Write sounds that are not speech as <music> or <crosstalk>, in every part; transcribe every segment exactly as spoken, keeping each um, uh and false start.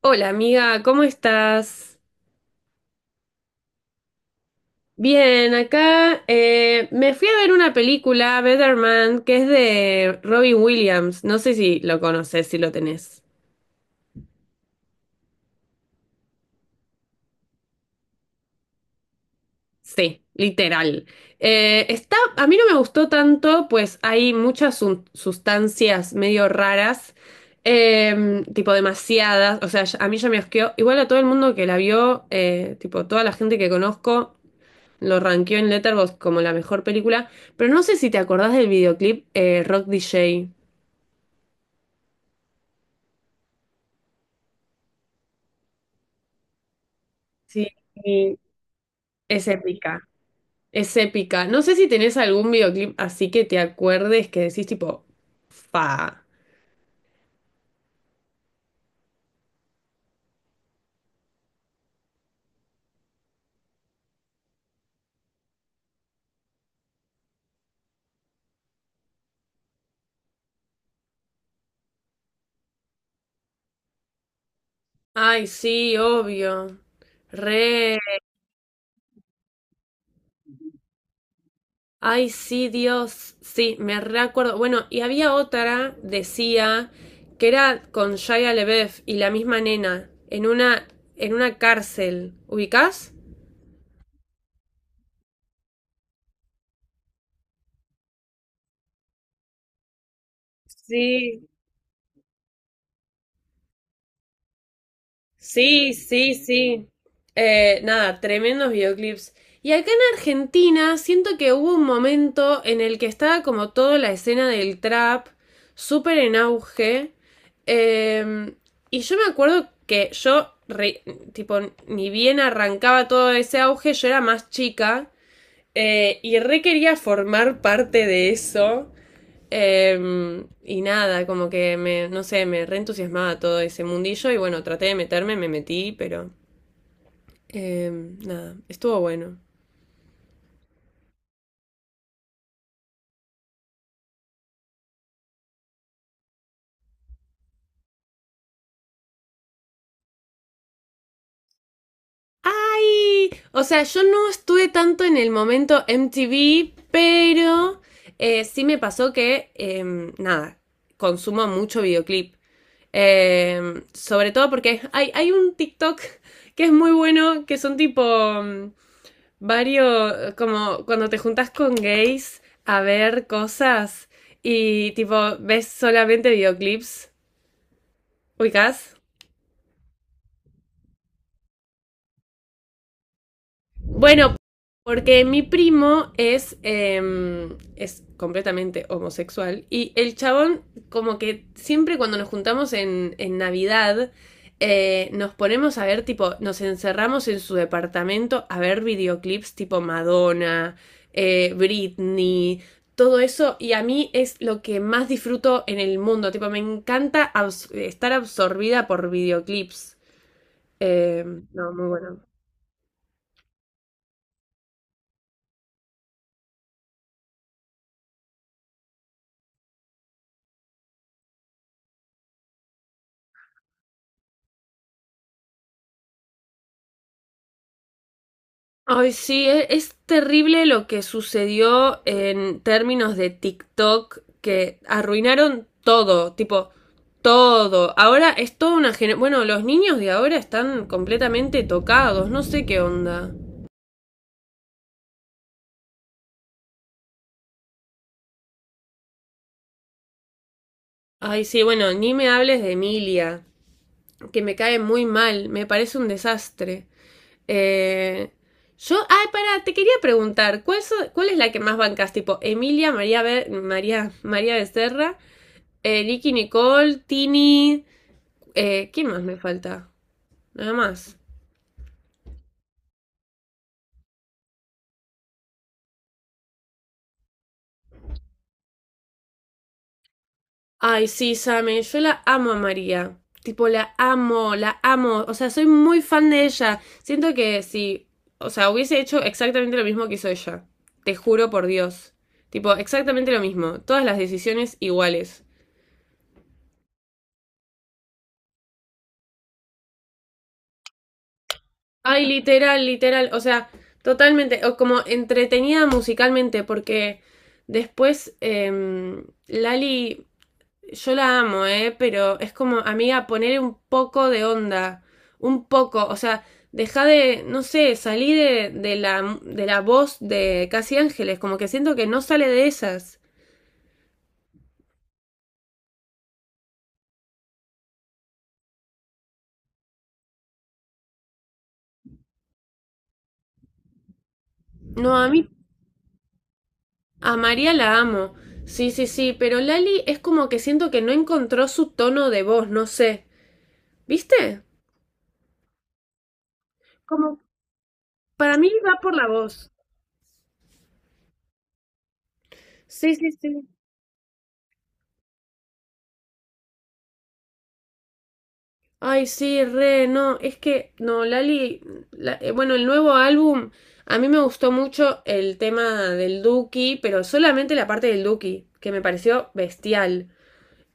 Hola amiga, ¿cómo estás? Bien, acá eh, me fui a ver una película, Better Man, que es de Robin Williams. No sé si lo conoces, si lo tenés. Sí, literal. Eh, está, a mí no me gustó tanto, pues hay muchas sun- sustancias medio raras, eh, tipo demasiadas. O sea, ya- a mí ya me asqueó. Igual a todo el mundo que la vio, eh, tipo toda la gente que conozco. Lo rankeó en Letterboxd como la mejor película, pero no sé si te acordás del videoclip eh, Rock D J. Sí, y es épica, es épica. No sé si tenés algún videoclip así que te acuerdes que decís tipo, fa. Ay, sí, obvio. Re. Ay, sí, Dios. Sí, me recuerdo. Bueno, y había otra, decía, que era con Shia LaBeouf y la misma nena, en una, en una cárcel. ¿Ubicás? Sí, sí, sí, sí. Eh, nada, tremendos videoclips. Y acá en Argentina siento que hubo un momento en el que estaba como toda la escena del trap súper en auge. Eh, y yo me acuerdo que yo, re- tipo, ni bien arrancaba todo ese auge, yo era más chica eh, y re quería formar parte de eso. Eh, y nada, como que me, no sé, me reentusiasmaba todo ese mundillo y bueno, traté de meterme, me metí, pero eh, nada, estuvo bueno. ¡Ay! O sea, yo no estuve tanto en el momento M T V, pero eh, sí me pasó que, eh, nada, consumo mucho videoclip. Eh, sobre todo porque hay, hay un TikTok que es muy bueno, que son tipo mm, varios, como cuando te juntas con gays a ver cosas y tipo ves solamente videoclips, ubicás. Bueno, porque mi primo es, eh, es completamente homosexual y el chabón como que siempre cuando nos juntamos en, en Navidad eh, nos ponemos a ver tipo, nos encerramos en su departamento a ver videoclips tipo Madonna, eh, Britney, todo eso y a mí es lo que más disfruto en el mundo, tipo me encanta abs- estar absorbida por videoclips. Eh, no, muy bueno. Ay, sí, e- es, terrible lo que sucedió en términos de TikTok, que arruinaron todo, tipo, todo. Ahora es toda una generación. Bueno, los niños de ahora están completamente tocados, no sé qué onda. Ay, sí, bueno, ni me hables de Emilia, que me cae muy mal, me parece un desastre. Eh, yo, ay, pará, te quería preguntar, ¿cuál, so- ¿cuál es la que más bancas? Tipo, Emilia, María, Be- María, María Becerra. Eh, Nicky Nicole, Tini. Eh, ¿quién más me falta? Nada más. Ay, sí, Same, yo la amo a María. Tipo, la amo, la amo. O sea, soy muy fan de ella. Siento que si, o sea, hubiese hecho exactamente lo mismo que hizo ella. Te juro por Dios. Tipo, exactamente lo mismo. Todas las decisiones iguales. Ay, literal, literal. O sea, totalmente. O como entretenida musicalmente, porque después eh, Lali, yo la amo, ¿eh? Pero es como, amiga, poner un poco de onda. Un poco. O sea, deja de, no sé, salí de, de la, de la voz de Casi Ángeles. Como que siento que no sale de esas. No, a mí, a María la amo. Sí, sí, sí. Pero Lali es como que siento que no encontró su tono de voz, no sé. ¿Viste? Como, para mí va por la voz. Sí, sí, sí. Ay, sí, re, no, es que, no, Lali, la- eh, bueno, el nuevo álbum, a mí me gustó mucho el tema del Duki, pero solamente la parte del Duki, que me pareció bestial.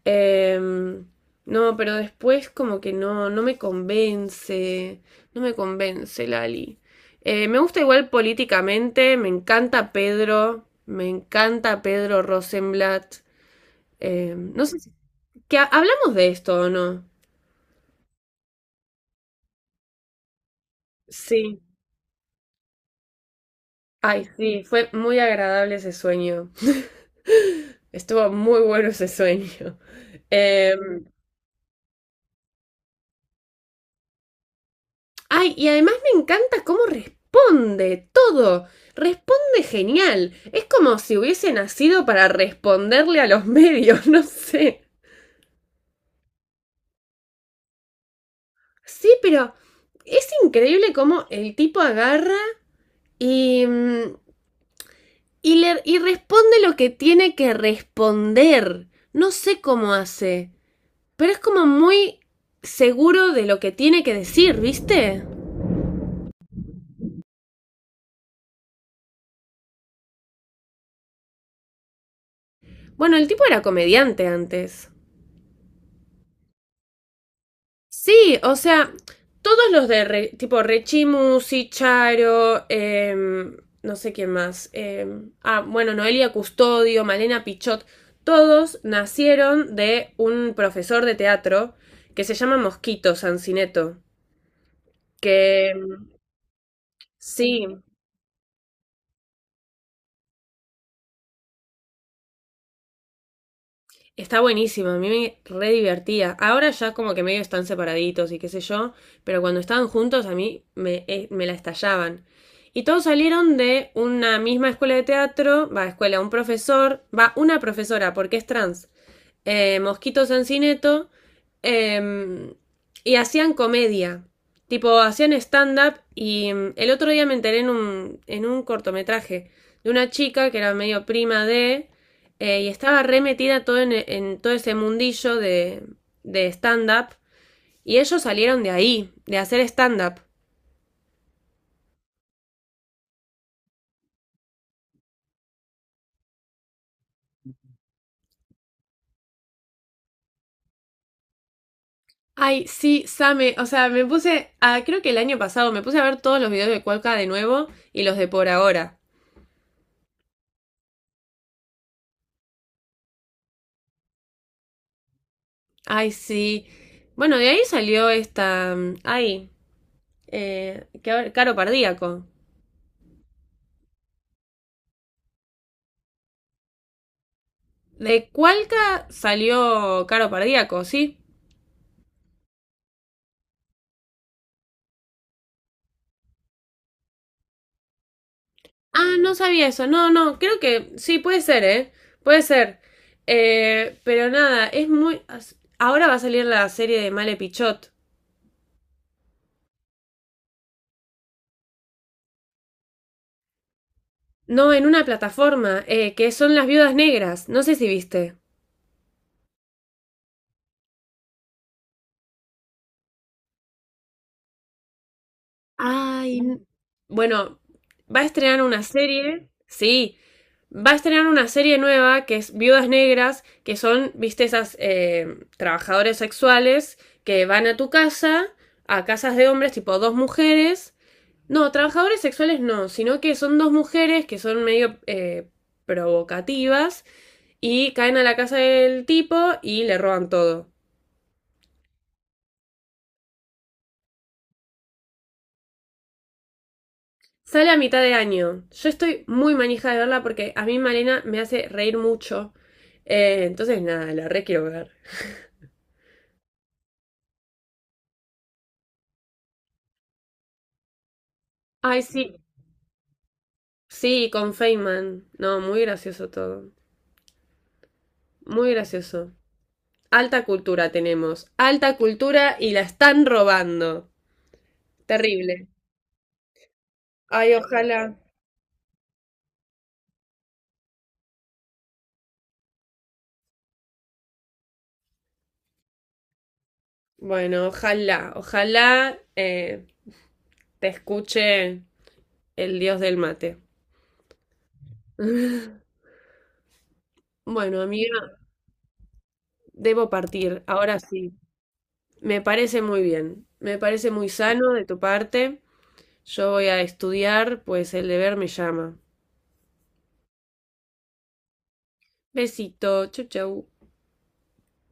Em, no, pero después como que no, no me convence, no me convence, Lali. Eh, me gusta igual políticamente, me encanta Pedro, me encanta Pedro Rosenblatt. Em, no sé si, que ha- hablamos de esto o no. Sí. Ay, sí, fue muy agradable ese sueño. <laughs> Estuvo muy bueno ese sueño. Eh, Ay, y además me encanta cómo responde todo. Responde genial. Es como si hubiese nacido para responderle a los medios, <laughs> no sé. Sí, pero es increíble cómo el tipo agarra y, mm, y le- y responde lo que tiene que responder. No sé cómo hace. Pero es como muy seguro de lo que tiene que decir, ¿viste? Bueno, el tipo era comediante antes. Sí, o sea, todos los de Re- tipo Rechimu, Sicharo, em, no sé quién más. Em, ah, bueno, Noelia Custodio, Malena Pichot, todos nacieron de un profesor de teatro que se llama Mosquito Sancineto. Que em, sí, está buenísimo, a mí me re divertía. Ahora ya como que medio están separaditos y qué sé yo, pero cuando estaban juntos a mí me, eh, me la estallaban. Y todos salieron de una misma escuela de teatro, va a escuela, un profesor, va una profesora porque es trans eh, Mosquito Sancineto, eh, y hacían comedia. Tipo, hacían stand-up y mm, el otro día me enteré en un, en un cortometraje de una chica que era medio prima de, eh, y estaba re metida todo en, en todo ese mundillo de, de stand-up, y ellos salieron de ahí, de hacer stand-up. Ay, sí, Same. O sea, me puse. a- creo que el año pasado me puse a ver todos los videos de Cuelca de nuevo y los de por ahora. Ay, sí. Bueno, de ahí salió esta. mm, Ay, eh, que ahora- Caro Pardíaco. De Cualca salió Caro Pardíaco, ¿sí? Ah, no sabía eso. No, no, creo que sí, puede ser, ¿eh? Puede ser. Eh, pero nada, es muy. as- ahora va a salir la serie de Male Pichot. No, en una plataforma, eh, que son Las Viudas Negras. No sé si viste. Ay. n- Bueno, va a estrenar una serie, sí, va a estrenar una serie nueva que es Viudas Negras, que son, viste, esas eh, trabajadores sexuales que van a tu casa, a casas de hombres, tipo dos mujeres. No, trabajadores sexuales no, sino que son dos mujeres que son medio eh, provocativas y caen a la casa del tipo y le roban todo. Sale a mitad de año. Yo estoy muy manija de verla porque a mí Malena me hace reír mucho. Eh, entonces, nada, la re quiero ver. Ay, sí. Sí, con Feynman. No, muy gracioso todo. Muy gracioso. Alta cultura tenemos. Alta cultura y la están robando. Terrible. Ay, ojalá. Bueno, ojalá. Ojalá eh, te escuche el dios del mate. Bueno, amiga, debo partir. Ahora sí. Me parece muy bien. Me parece muy sano de tu parte. Yo voy a estudiar, pues el deber me llama. Besito. Chau, chau.